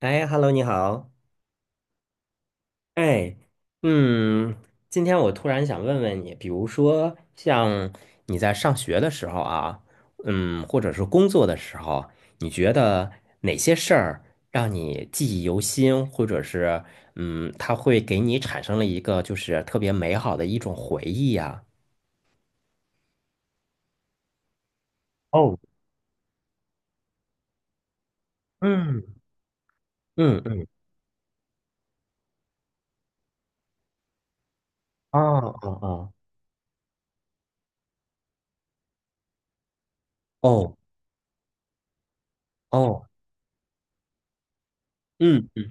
哎，Hello，你好。哎，嗯，今天我突然想问问你，比如说像你在上学的时候啊，或者是工作的时候，你觉得哪些事儿让你记忆犹新，或者是它会给你产生了一个就是特别美好的一种回忆呀？哦，嗯嗯嗯，啊啊啊，哦哦，嗯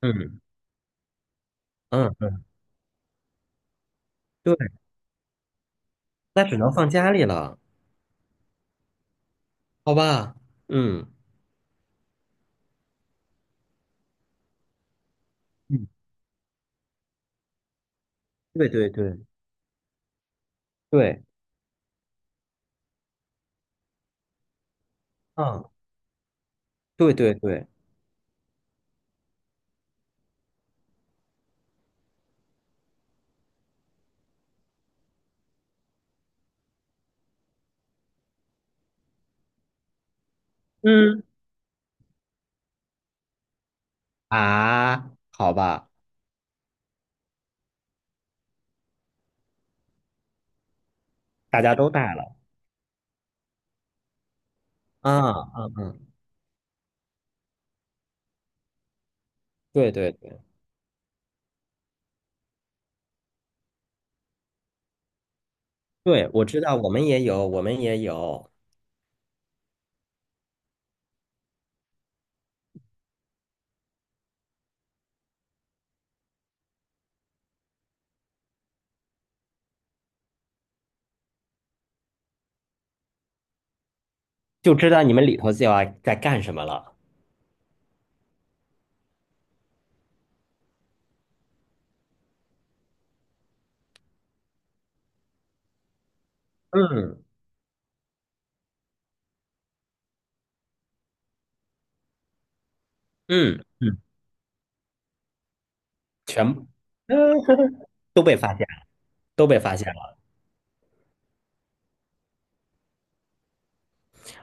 嗯嗯嗯，对，那只能放家里了，好吧？嗯。嗯，对对对对，嗯，对对对嗯，啊，好吧，大家都带了，啊嗯嗯，对对对对，我知道，我们也有，我们也有，就知道你们里头就要在干什么了，嗯嗯嗯，全部嗯都被发都被发现了。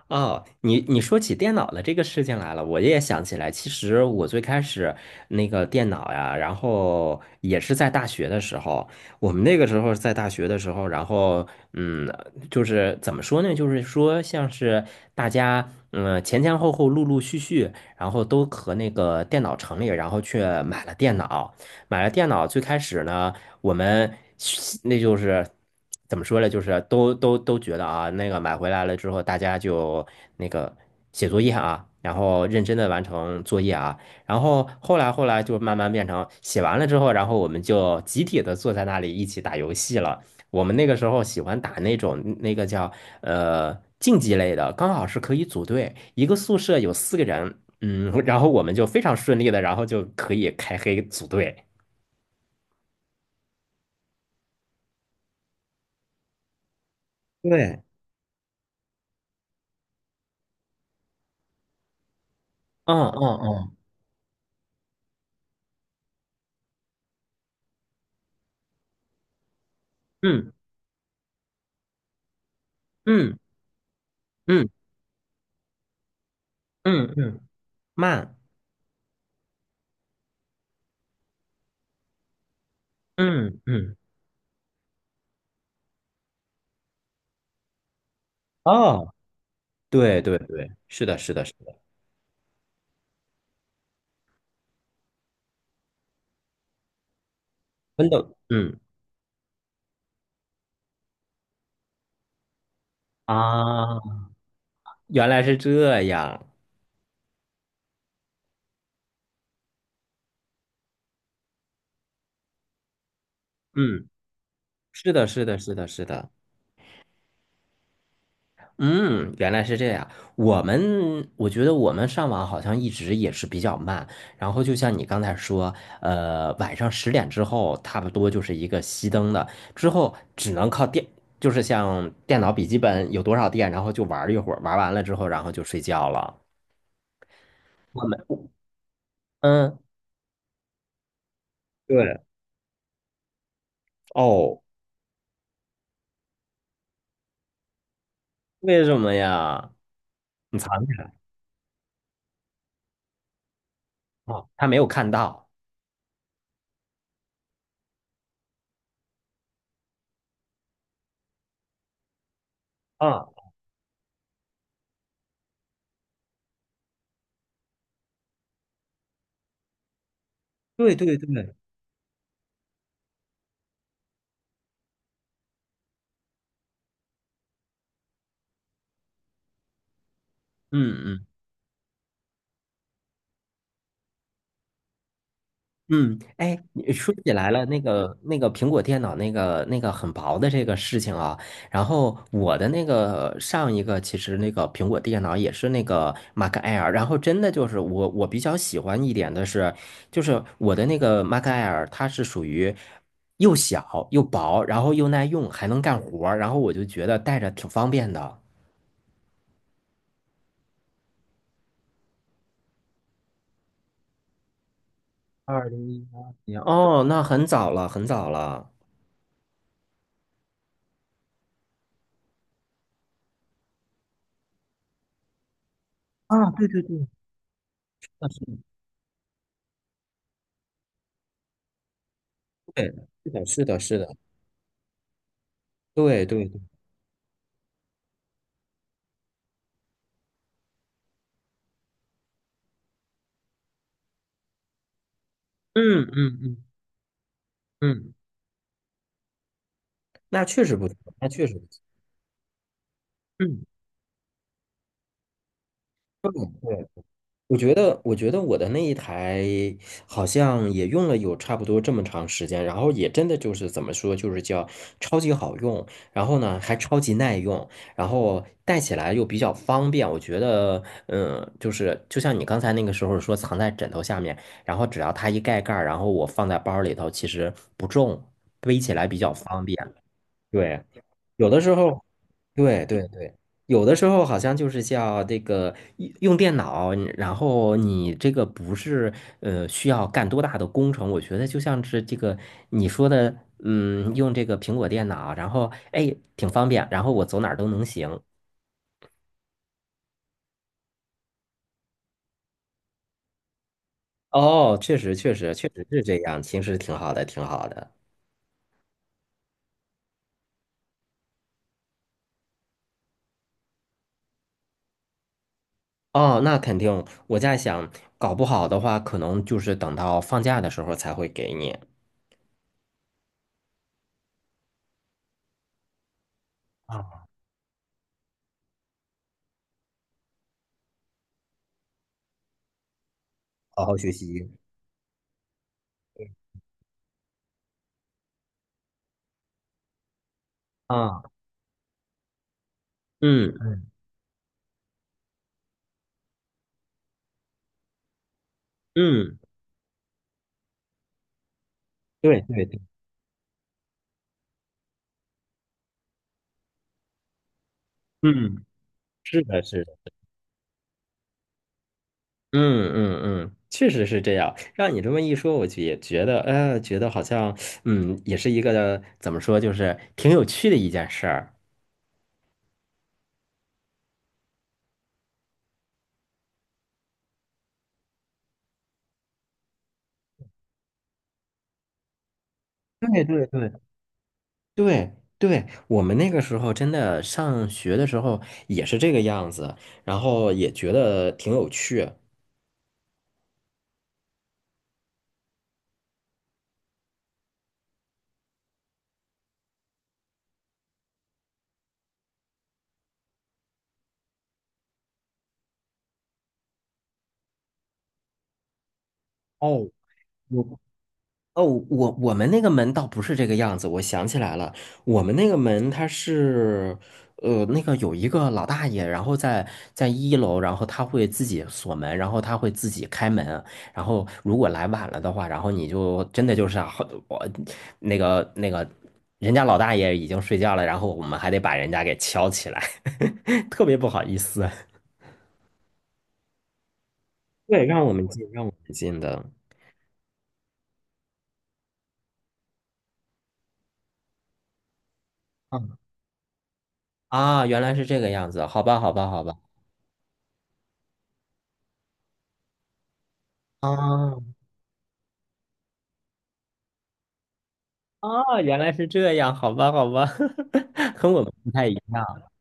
哦，你说起电脑的这个事情来了，我也想起来。其实我最开始那个电脑呀，然后也是在大学的时候。我们那个时候在大学的时候，然后嗯，就是怎么说呢？就是说像是大家前前后后陆陆续续，然后都和那个电脑城里，然后去买了电脑。最开始呢。我们那就是怎么说呢？就是都觉得啊，那个买回来了之后，大家就那个写作业啊，然后认真的完成作业啊，然后后来就慢慢变成写完了之后，然后我们就集体的坐在那里一起打游戏了。我们那个时候喜欢打那种那个叫竞技类的，刚好是可以组队，一个宿舍有4个人，然后我们就非常顺利的，然后就可以开黑组队。对，嗯嗯嗯，嗯嗯嗯嗯嗯，慢，嗯嗯，哦，对对对，是的，是的，是的，真的，嗯啊，原来是这样，嗯，是的，是的，是的，是的，嗯，原来是这样。我觉得我们上网好像一直也是比较慢，然后就像你刚才说，晚上10点之后差不多就是一个熄灯的，之后只能靠电，就是像电脑笔记本有多少电，然后就玩儿一会儿，玩完了之后然后就睡觉了。我们嗯，对，哦，为什么呀？你藏起来啊？他没有看到啊？对对对，嗯嗯嗯，哎，你说起来了，那个苹果电脑那个很薄的这个事情啊，然后我的那个上一个其实那个苹果电脑也是那个 Mac Air，然后真的就是我比较喜欢一点的是，就是我的那个 Mac Air 它是属于又小又薄，然后又耐用，还能干活儿，然后我就觉得带着挺方便的。2018年，哦，那很早了，很早了。那是对的，是的，是的，是的，对对对嗯嗯嗯嗯那确实不错，那确实不错。嗯嗯，对，我觉得我的那一台好像也用了有差不多这么长时间，然后也真的就是怎么说，就是叫超级好用，然后呢还超级耐用，然后带起来又比较方便。我觉得，就是就像你刚才那个时候说藏在枕头下面，然后只要它一盖盖儿，然后我放在包里头，其实不重，背起来比较方便。对，有的时候，对对对，有的时候好像就是叫这个用用电脑，然后你这个不是需要干多大的工程，我觉得就像是这个你说的，用这个苹果电脑，然后哎挺方便，然后我走哪儿都能行。哦，确实确实确实是这样，其实挺好的，挺好的。哦，那肯定，我在想，搞不好的话，可能就是等到放假的时候才会给你。啊，好好学习。啊。嗯嗯，对对对，嗯是的，是的，嗯嗯嗯，确实是这样。让你这么一说，我就也觉得，觉得好像，也是一个怎么说，就是挺有趣的一件事儿。对对对，对对，我们那个时候真的上学的时候也是这个样子，然后也觉得挺有趣。哦，我哦，我们那个门倒不是这个样子，我想起来了，我们那个门它是，那个有一个老大爷，然后在一楼，然后他会自己锁门，然后他会自己开门，然后如果来晚了的话，然后你就真的就是啊好我那个那个人家老大爷已经睡觉了，然后我们还得把人家给敲起来，特别不好意思。对，让我们进，让我们进的。嗯啊，原来是这个样子，好吧，好吧，好吧。啊。哦，原来是这样，好吧，好吧，和我们不太一样。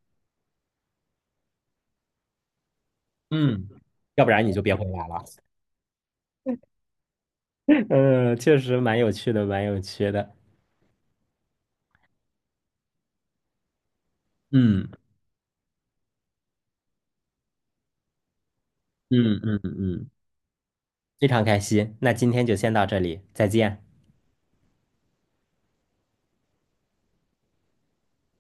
嗯，要不然你就别回来了。嗯，确实蛮有趣的，蛮有趣的。嗯嗯嗯嗯，非常开心。那今天就先到这里，再见。